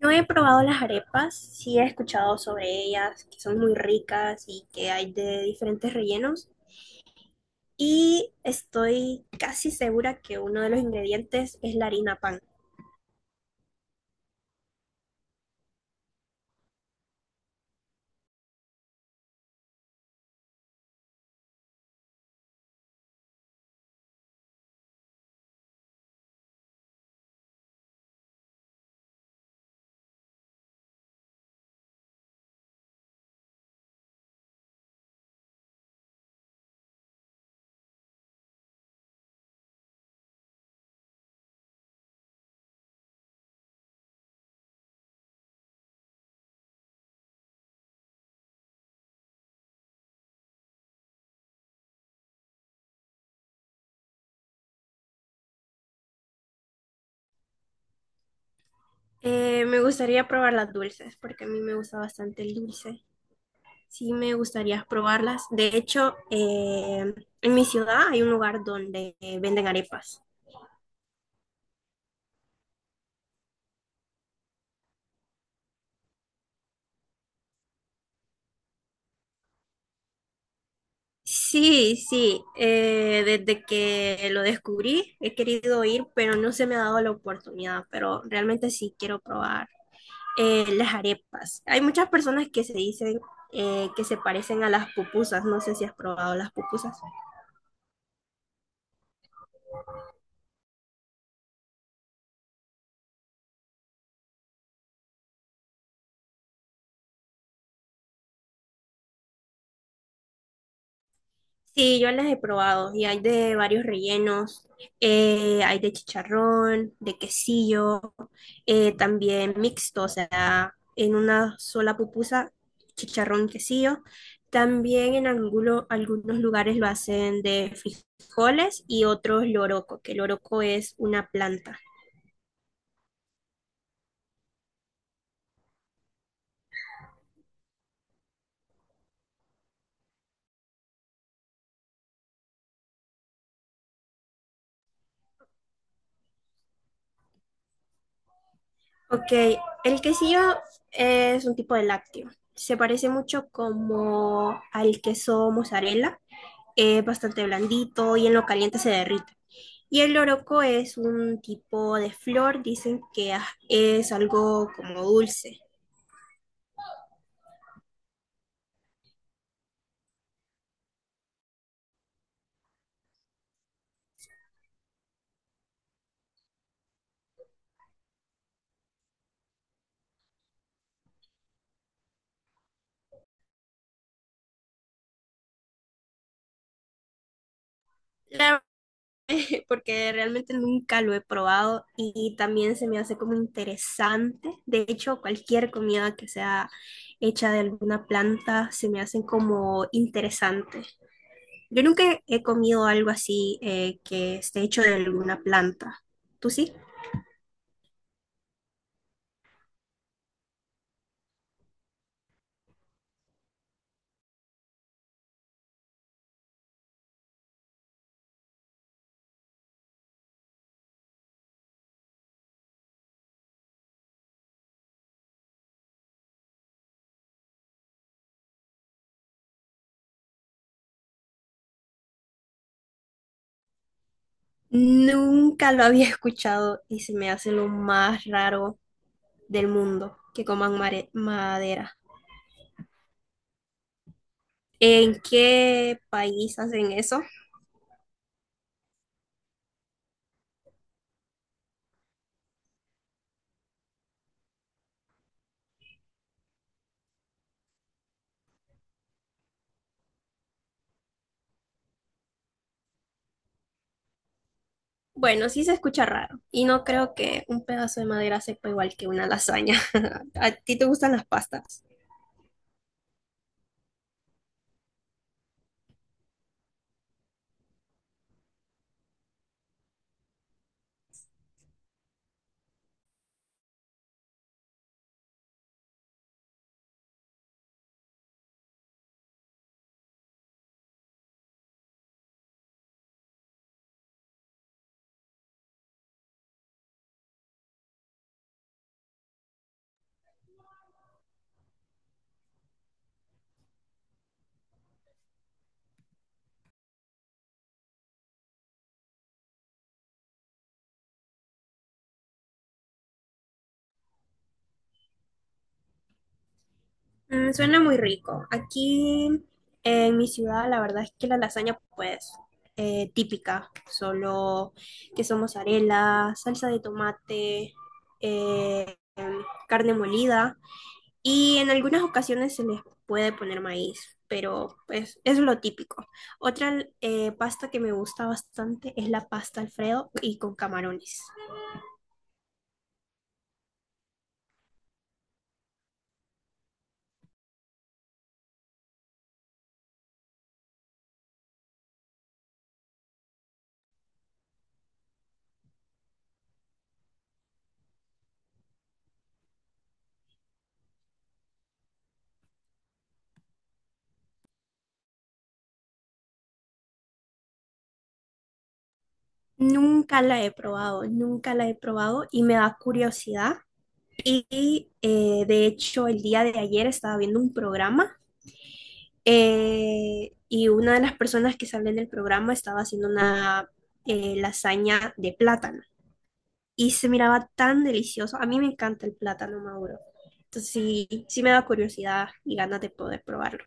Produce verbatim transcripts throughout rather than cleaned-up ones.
No he probado las arepas, sí he escuchado sobre ellas, que son muy ricas y que hay de diferentes rellenos. Y estoy casi segura que uno de los ingredientes es la harina pan. Eh, me gustaría probar las dulces, porque a mí me gusta bastante el dulce. Sí me gustaría probarlas. De hecho, eh, en mi ciudad hay un lugar donde eh, venden arepas. Sí, sí, eh, desde que lo descubrí he querido ir, pero no se me ha dado la oportunidad, pero realmente sí quiero probar eh, las arepas. Hay muchas personas que se dicen eh, que se parecen a las pupusas, no sé si has probado las pupusas. Sí, yo las he probado y hay de varios rellenos, eh, hay de chicharrón, de quesillo, eh, también mixto, o sea, en una sola pupusa, chicharrón, quesillo. También en alguno- algunos lugares lo hacen de frijoles y otros loroco, que el loroco es una planta. Ok, el quesillo es un tipo de lácteo. Se parece mucho como al queso mozzarella, es bastante blandito y en lo caliente se derrite. Y el loroco es un tipo de flor, dicen que ah, es algo como dulce. La- Porque realmente nunca lo he probado y también se me hace como interesante. De hecho, cualquier comida que sea hecha de alguna planta se me hacen como interesante. Yo nunca he comido algo así, eh, que esté hecho de alguna planta. ¿Tú sí? Nunca lo había escuchado y se me hace lo más raro del mundo que coman mare- madera. ¿En qué país hacen eso? Bueno, sí se escucha raro y no creo que un pedazo de madera sepa igual que una lasaña. ¿A ti te gustan las pastas? Mm, suena muy rico. Aquí en mi ciudad, la verdad es que la lasaña, pues, eh, típica, solo queso mozzarella, salsa de tomate, eh, em, carne molida y en algunas ocasiones se les puede poner maíz, pero pues es lo típico. Otra eh, pasta que me gusta bastante es la pasta Alfredo y con camarones. Nunca la he probado, nunca la he probado y me da curiosidad. Y eh, de hecho, el día de ayer estaba viendo un programa eh, y una de las personas que sale en el programa estaba haciendo una eh, lasaña de plátano y se miraba tan delicioso. A mí me encanta el plátano maduro. Entonces sí, sí me da curiosidad y ganas de poder probarlo.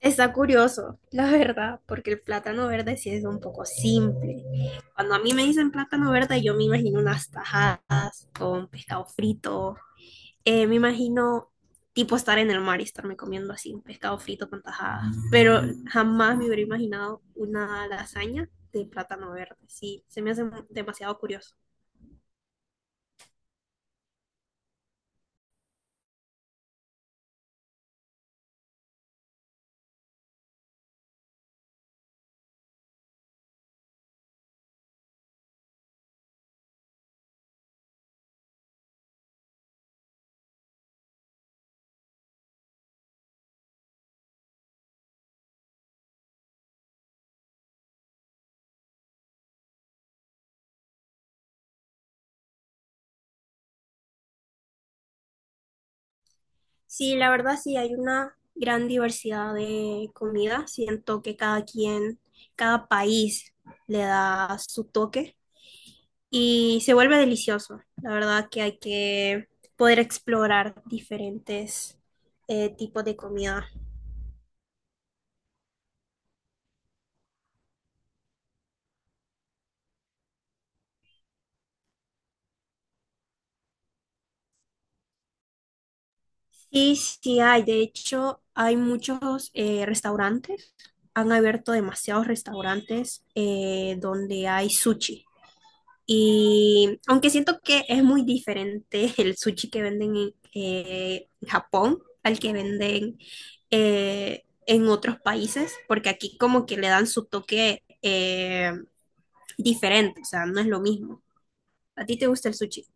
Está curioso, la verdad, porque el plátano verde sí es un poco simple. Cuando a mí me dicen plátano verde, yo me imagino unas tajadas con pescado frito. Eh, me imagino tipo estar en el mar y estarme comiendo así un pescado frito con tajadas, pero jamás me hubiera imaginado una lasaña de plátano verde. Sí, se me hace mu- demasiado curioso. Sí, la verdad sí hay una gran diversidad de comida. Siento que cada quien, cada país le da su toque y se vuelve delicioso. La verdad que hay que poder explorar diferentes eh, tipos de comida. Sí, sí hay. De hecho, hay muchos eh, restaurantes. Han abierto demasiados restaurantes eh, donde hay sushi. Y aunque siento que es muy diferente el sushi que venden en eh, en Japón al que venden eh, en otros países, porque aquí como que le dan su toque eh, diferente, o sea, no es lo mismo. ¿A ti te gusta el sushi?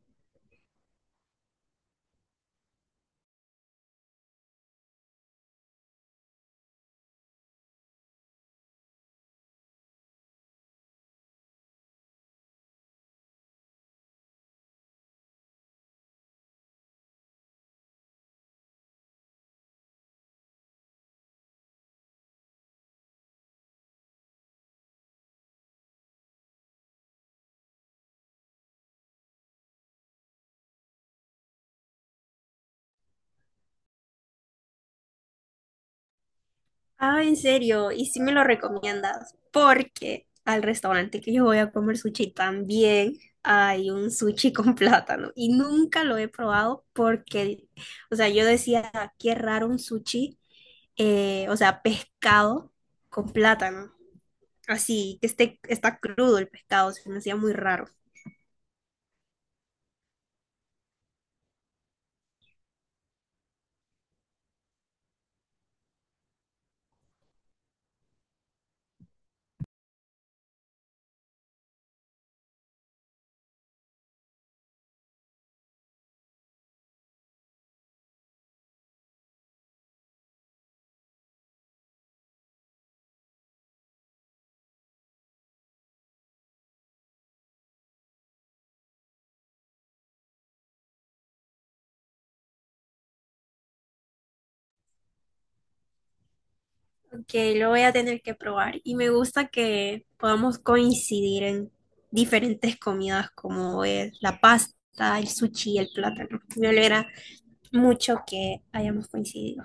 Ah, en serio, y sí me lo recomiendas, porque al restaurante que yo voy a comer sushi también hay un sushi con plátano y nunca lo he probado porque, o sea, yo decía, qué raro un sushi, eh, o sea, pescado con plátano, así que esté, está crudo el pescado, se me hacía muy raro. Que lo voy a tener que probar. Y me gusta que podamos coincidir en diferentes comidas como es la pasta, el sushi, el plátano. Me alegra mucho que hayamos coincidido.